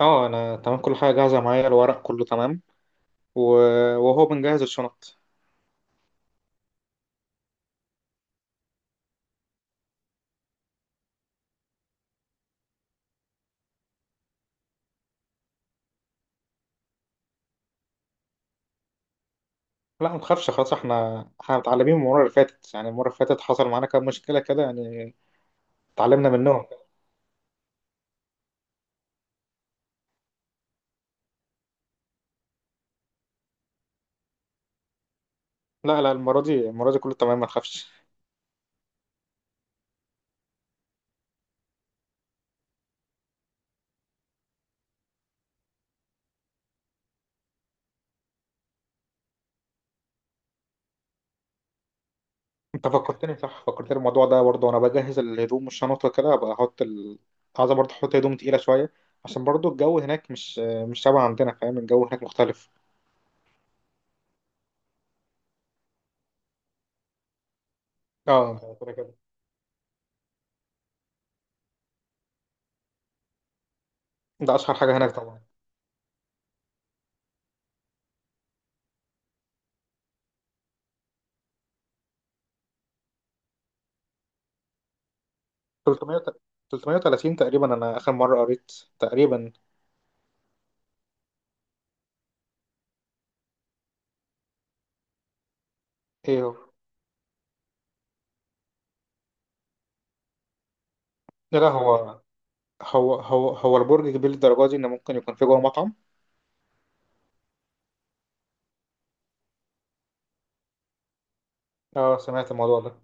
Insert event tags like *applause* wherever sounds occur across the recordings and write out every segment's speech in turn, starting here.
اه، انا تمام. كل حاجه جاهزه معايا، الورق كله تمام. وهو بنجهز الشنط. لا، ما تخافش. خلاص، احنا متعلمين من المره اللي فاتت. يعني المره اللي فاتت حصل معانا كام مشكله كده يعني. اتعلمنا منهم. لا لا، المره دي كله تمام، ما تخافش. *laughs* انت فكرتني، صح فكرتني الموضوع ده برضه. وانا بجهز الهدوم والشنط وكده، ابقى احط عايز برضه احط هدوم تقيله شويه، عشان برضه الجو هناك مش شبه عندنا، فاهم؟ الجو هناك مختلف. اه، كده كده ده اشهر حاجه هناك طبعا. 300 330 تقريبا، انا اخر مره قريت تقريبا. ايه هو؟ لا لا، هو البرج كبير للدرجة دي ان ممكن يكون في جوه مطعم؟ اه، سمعت الموضوع ده.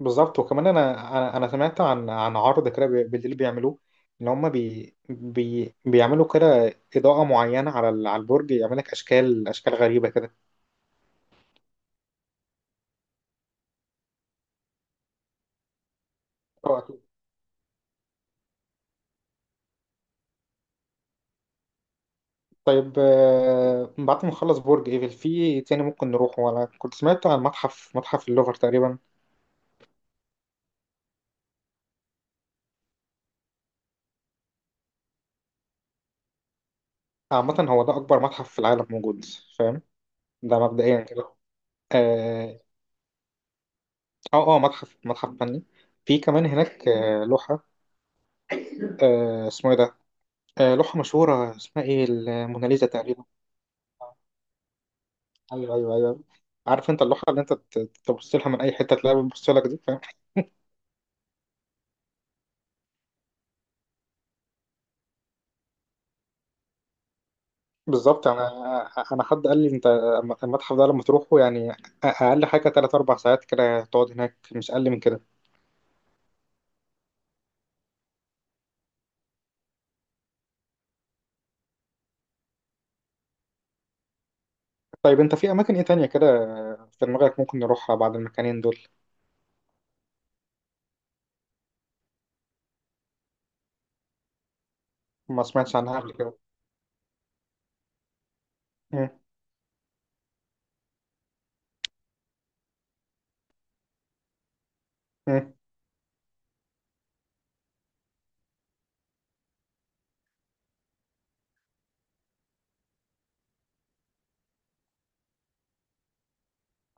بالظبط. وكمان انا سمعت عن عرض كده بالليل بيعملوه. ان هم بي بي بيعملوا كده اضاءة معينة على على البرج، يعمل لك اشكال اشكال غريبة كده. اه أكيد. طيب، بعد ما نخلص برج ايفل في تاني ممكن نروح. وانا كنت سمعت عن متحف اللوفر تقريبا. عامة هو ده اكبر متحف في العالم موجود، فاهم؟ ده مبدئيا كده. آه، اه متحف فني. في كمان هناك لوحة، اسمه ايه ده؟ لوحة مشهورة اسمها ايه؟ الموناليزا تقريبا. ايوه ايوه ايوه. عارف انت اللوحة اللي انت تبص لها من اي حتة تلاقيها بتبص لك دي، فاهم؟ بالظبط. انا انا حد قال لي انت المتحف ده لما تروحه يعني اقل حاجة 3 4 ساعات كده تقعد هناك، مش اقل من كده. طيب انت في اماكن ايه تانية كده في دماغك ممكن نروحها بعد المكانين دول؟ ما سمعتش عنها قبل كده. مم. مم.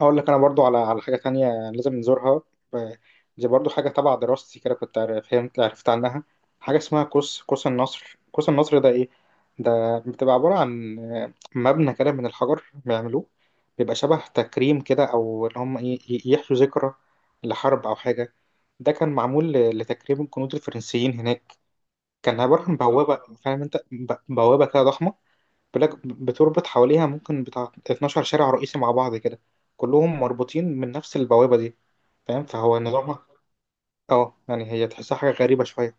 هقول لك انا برضو على حاجه تانية لازم نزورها. ب- دي برضو حاجه تبع دراستي كده، كنت فهمت عرفت عنها حاجه اسمها قوس النصر. قوس النصر ده ايه؟ ده بتبقى عباره عن مبنى كده من الحجر بيعملوه، بيبقى شبه تكريم كده، او اللي هم ايه، يحيوا ذكرى لحرب او حاجه. ده كان معمول لتكريم الجنود الفرنسيين هناك. كان عباره عن بوابه، اه فاهم انت، بوابه كده ضخمه، بلاك بتربط حواليها ممكن بتاع 12 شارع رئيسي مع بعض كده، كلهم مربوطين من نفس البوابة دي، فاهم؟ فهو نظامها اه، يعني هي تحسها حاجة غريبة شوية.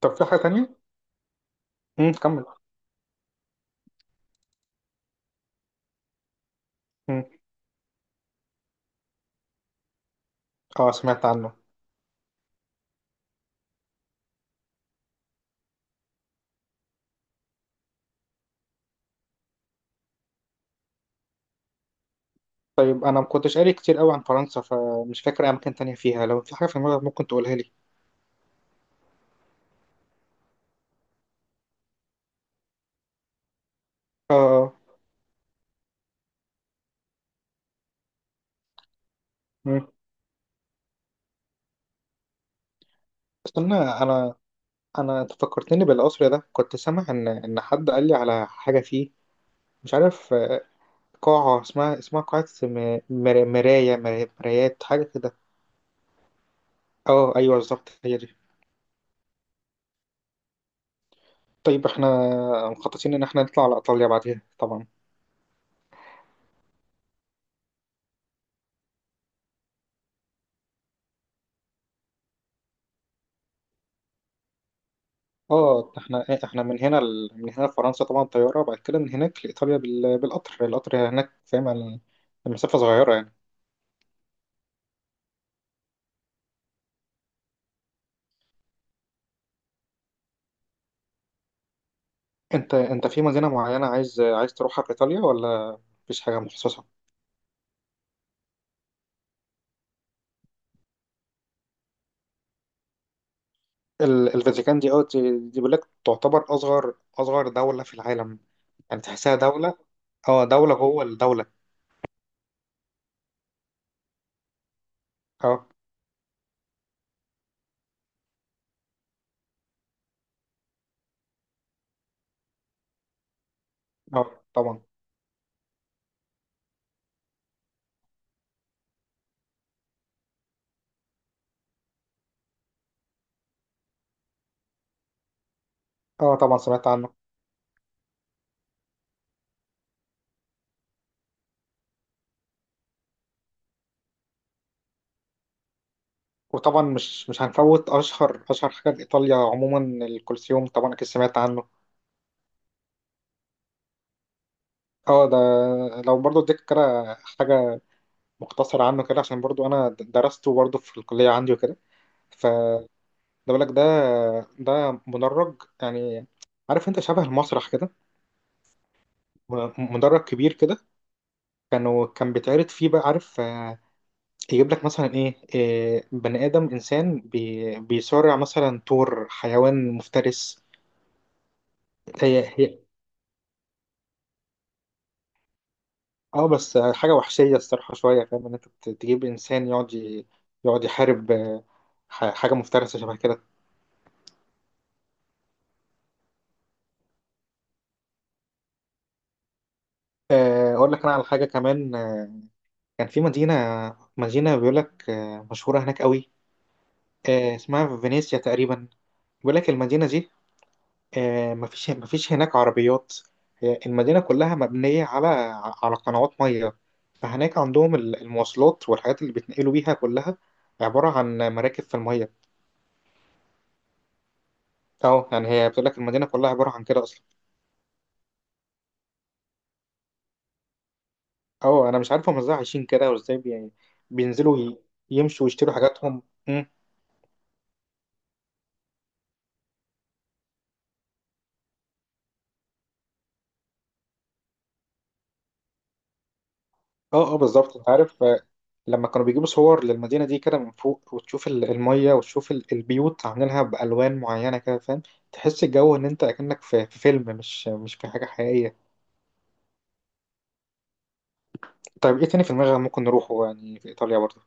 طب في حاجة تانية؟ كمل. امم اه، سمعت عنه. طيب انا ما كنتش قاري كتير قوي عن فرنسا، فمش فاكر اماكن تانية فيها. لو في حاجة في دماغك ممكن تقولها لي. اه اه. مم. استنى، انا انا أنت فكرتني بالقصر ده. كنت سامع ان حد قال لي على حاجة فيه مش عارف، قاعة اسمها اسمها قاعة مرايات حاجة كده. اه ايوه، بالظبط هي دي. طيب احنا مخططين ان احنا نطلع على ايطاليا بعديها طبعا. اه احنا احنا من هنا لفرنسا طبعا طياره، بعد كده من هناك لايطاليا بالقطر، القطر هناك فاهم، المسافه صغيره يعني. انت في مدينه معينه عايز تروحها في ايطاليا، ولا مفيش حاجه مخصصه؟ الفاتيكان دي، اه دي بيقول لك تعتبر اصغر دوله في العالم. يعني تحسها دوله. اه، دوله جوه الدوله. اه اه، طبعا. اه طبعا سمعت عنه. وطبعا مش هنفوت اشهر حاجه لايطاليا عموما، الكولسيوم. طبعا اكيد سمعت عنه. اه ده، لو برضو اديك كده حاجه مختصره عنه كده عشان برضو انا درسته برضو في الكليه عندي وكده. فده، بقول لك ده مدرج يعني، عارف انت شبه المسرح كده. مدرج كبير كده، كان بيتعرض فيه بقى، عارف يجيب لك مثلا ايه، بني ادم، انسان بي بيصارع مثلا طور حيوان مفترس. هي هي. اه بس حاجة وحشية الصراحة شوية، فاهم ان انت تجيب انسان يقعد يقعد يحارب حاجة مفترسة شبه كده. اقول لك انا على حاجة كمان. كان في مدينة بيقول لك مشهورة هناك قوي، اسمها فينيسيا تقريبا. بيقول لك المدينة دي مفيش هناك عربيات، هي المدينة كلها مبنية على قنوات مية. فهناك عندهم المواصلات والحاجات اللي بيتنقلوا بيها كلها عبارة عن مراكب في المية. اه يعني هي بتقول لك المدينة كلها عبارة عن كده اصلا. اه انا مش عارف هم ازاي عايشين كده، وازاي يعني بينزلوا ي... يمشوا ويشتروا حاجاتهم. مم. اه اه، بالظبط انت عارف، لما كانوا بيجيبوا صور للمدينة دي كده من فوق وتشوف المية وتشوف البيوت عاملينها بألوان معينة كده، فاهم؟ تحس الجو ان انت اكنك في فيلم، مش في حاجة حقيقية. طيب ايه تاني في دماغك ممكن نروحه يعني في ايطاليا برضه؟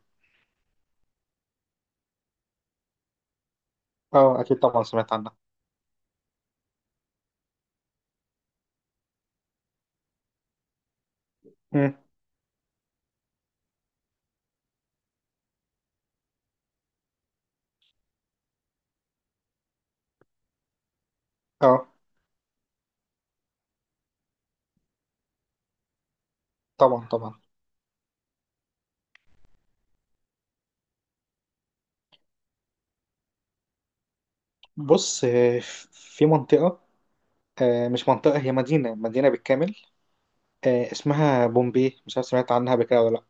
اه اكيد طبعا سمعت عنها. مم. اه طبعا طبعا. بص، في منطقة، مش منطقة، هي مدينة بالكامل، اسمها بومبي، مش عارف سمعت عنها قبل كده ولا لا.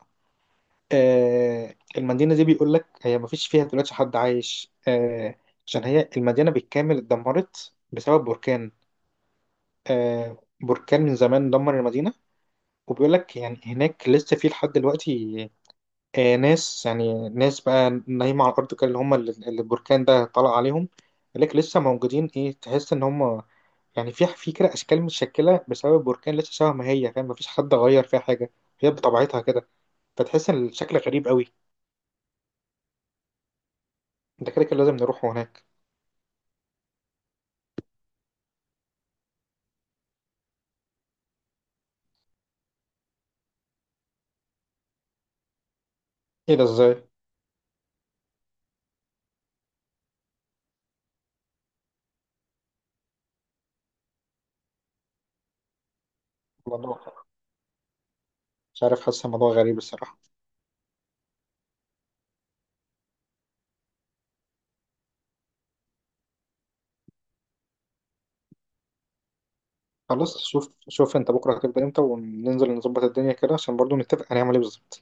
المدينة دي بيقول لك هي مفيش فيها دلوقتي حد عايش، عشان هي المدينة بالكامل اتدمرت بسبب بركان. بركان من زمان دمر المدينة. وبيقول لك يعني هناك لسه في لحد دلوقتي ناس، يعني ناس بقى نايمة على الأرض كده، اللي هم اللي البركان ده طلع عليهم. بيقول لك لسه موجودين، إيه تحس إن هم يعني في كده أشكال متشكلة بسبب بركان، لسه شبه ما هي، فاهم؟ مفيش حد غير فيها حاجة، هي بطبيعتها كده. فتحس ان الشكل غريب قوي. ده كده كده لازم نروح هناك. ايه ده، ازاي؟ الموضوع، مش عارف، حاسس الموضوع غريب الصراحه. خلاص، شوف شوف انت بكره هتبدا امتى وننزل نظبط الدنيا كده، عشان برضو نتفق هنعمل ايه بالظبط.